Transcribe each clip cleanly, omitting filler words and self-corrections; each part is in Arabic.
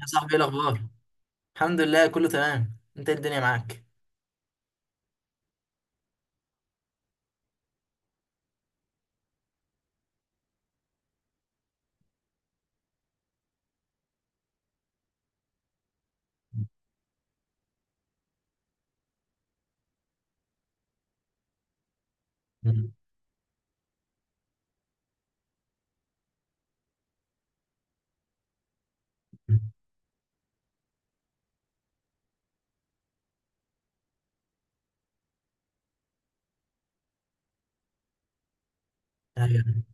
يا صاحبي، ايه الاخبار؟ الحمد لله، كله تمام. انت إيه الدنيا معاك؟ مم. ايوه.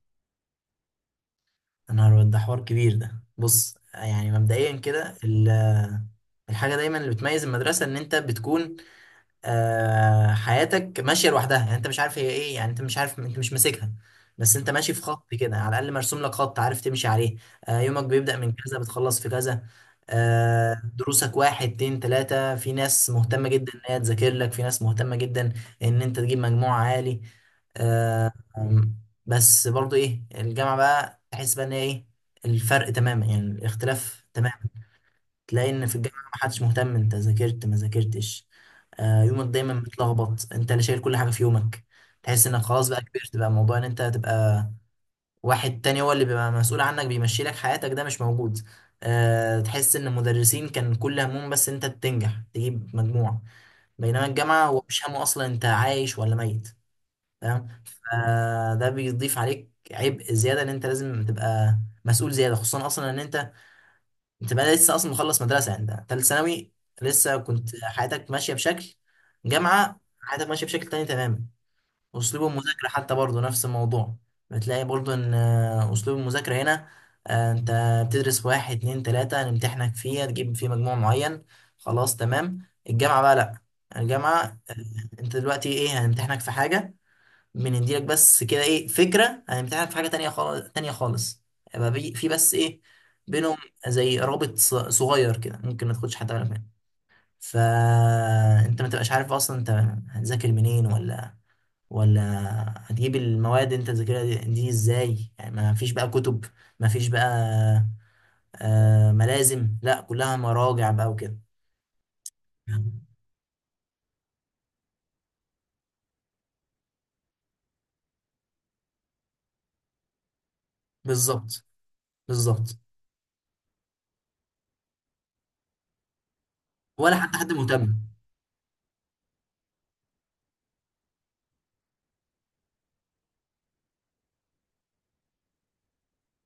يا نهار أبيض، ده حوار كبير. ده بص، يعني مبدئيا كده، الحاجه دايما اللي بتميز المدرسه ان انت بتكون حياتك ماشيه لوحدها. يعني انت مش عارف هي ايه، يعني انت مش عارف، انت مش ماسكها. بس انت ماشي في خط كده، على الاقل مرسوم لك خط عارف تمشي عليه. يومك بيبدا من كذا، بتخلص في كذا. دروسك واحد اتنين تلاته، في ناس مهتمه جدا ان هي تذاكر لك، في ناس مهتمه جدا ان انت تجيب مجموع عالي. آه أم، بس برضو ايه، الجامعه بقى تحس بقى ان هي ايه الفرق تماما، يعني الاختلاف تماما. تلاقي ان في الجامعه ما حدش مهتم انت ذاكرت ما ذاكرتش. يومك دايما متلخبط، انت اللي شايل كل حاجه في يومك. تحس انك خلاص بقى كبرت، بقى موضوع ان انت تبقى واحد تاني هو اللي بيبقى مسؤول عنك بيمشي لك حياتك، ده مش موجود. تحس ان المدرسين كان كل همهم بس انت تنجح تجيب مجموع، بينما الجامعه هو مش همه اصلا انت عايش ولا ميت. تمام، فده بيضيف عليك عبء زياده ان انت لازم تبقى مسؤول زياده، خصوصا اصلا ان انت بقى لسه اصلا مخلص مدرسه، يعني انت ثالث ثانوي. لسه كنت حياتك ماشيه بشكل، جامعه حياتك ماشيه بشكل تاني تماما. اسلوب المذاكره حتى برضه نفس الموضوع، بتلاقي برضه ان اسلوب المذاكره هنا، انت بتدرس واحد اتنين تلاته نمتحنك فيه تجيب فيه مجموع معين، خلاص تمام. الجامعه بقى لا، الجامعه انت دلوقتي ايه، هنمتحنك في حاجه، بنديلك بس كده ايه فكره، هنمتحنك في حاجه تانية خالص تانية خالص. يبقى في بس ايه بينهم زي رابط صغير كده، ممكن ما تاخدش حتى بالك منه. فانت ما تبقاش عارف اصلا انت هتذاكر منين، ولا هتجيب المواد انت تذاكرها دي ازاي، يعني ما فيش بقى كتب، ما فيش بقى ملازم، لا كلها مراجع بقى وكده. بالظبط. بالظبط. ولا حتى حد مهتم.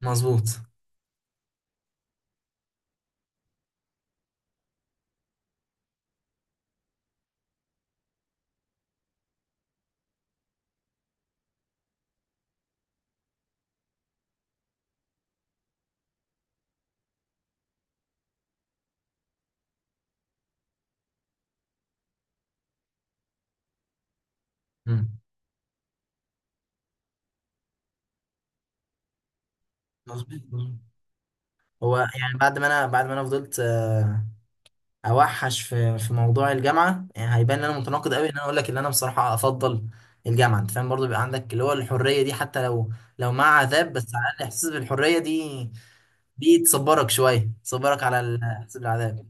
مظبوط. مم. مظبوط. هو يعني بعد ما انا فضلت اوحش في موضوع الجامعه، يعني هيبان ان انا متناقض قوي ان انا اقول لك ان انا بصراحه افضل الجامعه. انت فاهم، برضو بيبقى عندك اللي هو الحريه دي، حتى لو مع عذاب، بس على الاقل احساس بالحريه دي، دي تصبرك شويه، تصبرك على الاحساس بالعذاب.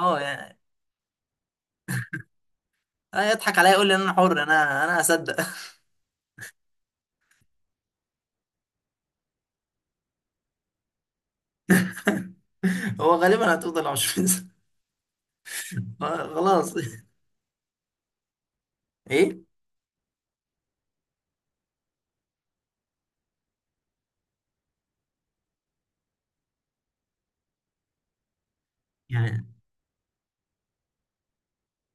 اه يعني، يضحك عليا يقول لي ان انا حر، انا اصدق. هو غالبا هتفضل عشوائي. خلاص. ايه يعني.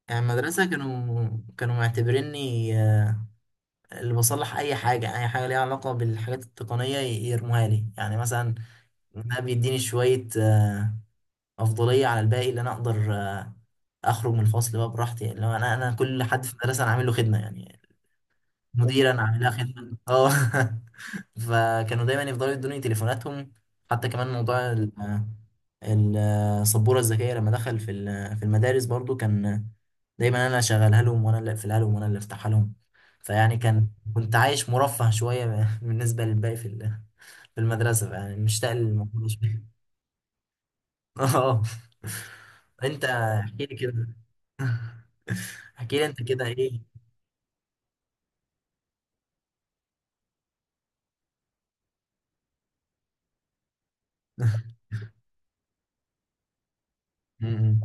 يعني المدرسه كانوا معتبريني اللي بصلح اي حاجه، اي حاجه ليها علاقه بالحاجات التقنيه يرموها لي. يعني مثلا ده بيديني شويه افضليه على الباقي، اللي انا اقدر اخرج من الفصل بقى براحتي. يعني لو انا كل حد في المدرسه انا عامل له خدمه، يعني المدير انا عامل لها خدمه، اه. فكانوا دايما يفضلوا يدوني تليفوناتهم. حتى كمان موضوع السبورة الذكية لما دخل في في المدارس، برضو كان دايما انا اللي اشغلها لهم، وانا اللي اقفلها لهم، وانا اللي افتحها لهم. فيعني كان، كنت عايش مرفه شوية بالنسبة للباقي في في المدرسة، يعني مشتاق للموضوع شوية. اه. انت احكي لي كده. احكي لي انت كده ايه. م-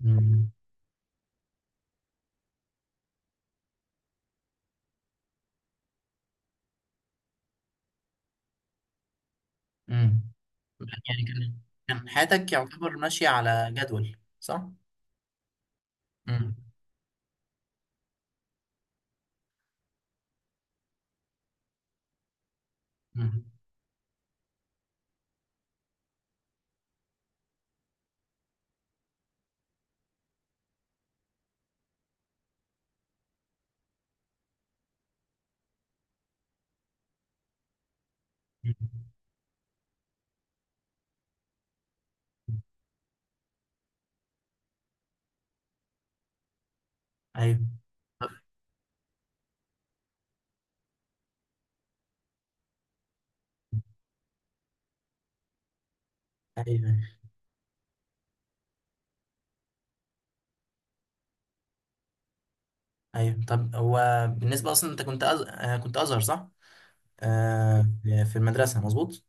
م- م- م. يعني كان، كان حياتك يعتبر ماشية على جدول، صح؟ م- م- م. ايوه ايوه ايوه. طب هو بالنسبه اصلا انت كنت كنت ازهر، صح؟ آه. في المدرسه، مظبوط.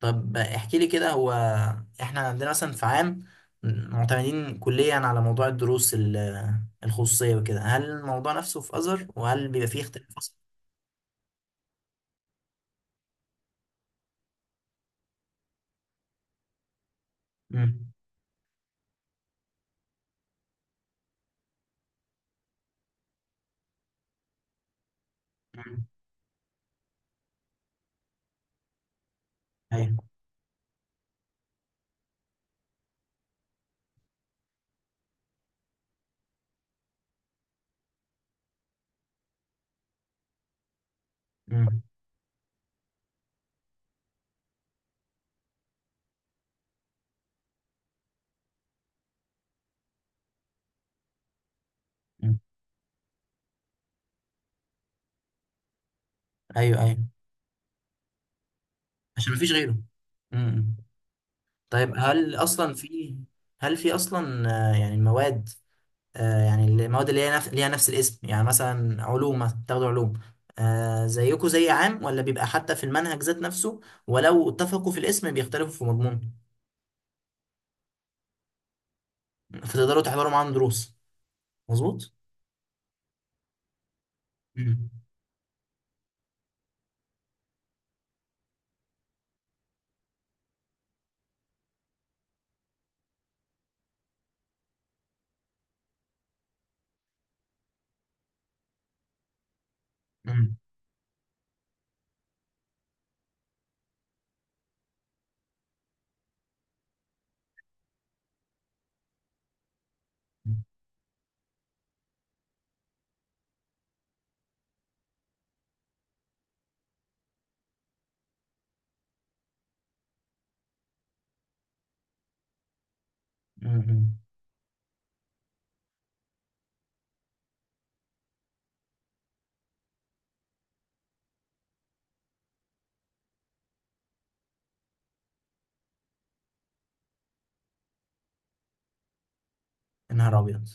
طب احكي لي كده، هو احنا عندنا مثلا في عام معتمدين كليا على موضوع الدروس الخصوصيه وكده. هل الموضوع نفسه في ازهر؟ وهل بيبقى فيه اختلاف اصلا؟ امم. أمم، ايوه. أمم، أمم. ايوه ايوه. عشان مفيش غيره. امم. طيب هل في اصلا يعني مواد، يعني المواد اللي هي نفس ليها نفس الاسم، يعني مثلا علوم مثلا، تاخدوا علوم زيكوا زي عام؟ ولا بيبقى حتى في المنهج ذات نفسه، ولو اتفقوا في الاسم بيختلفوا في مضمونه؟ فتقدروا تحضروا معاهم دروس، مظبوط؟ مم. مم. مم. مم. يا نهار أبيض.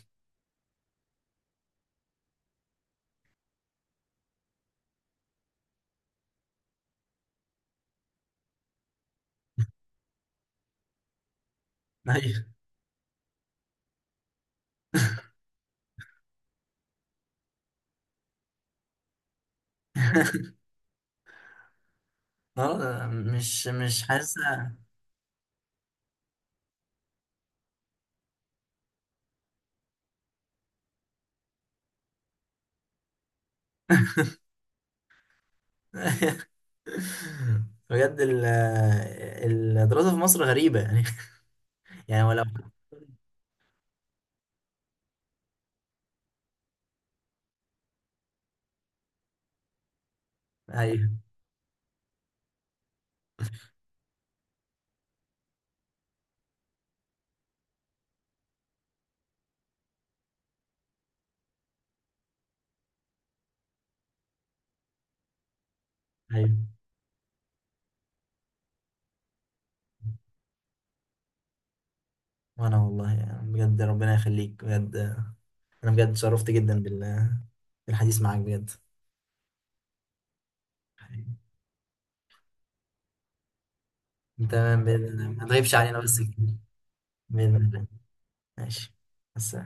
أيوه. مش حاسة. بجد الدراسة في مصر غريبة يعني. يعني ولو. أيوه أيوه. وأنا والله يعني بجد ربنا يخليك بجد، انا بجد شرفت جدا بال، بالحديث معاك بجد. حبيبي. تمام باذن الله، ما تغيبش علينا بس كده. باذن الله. ماشي. بس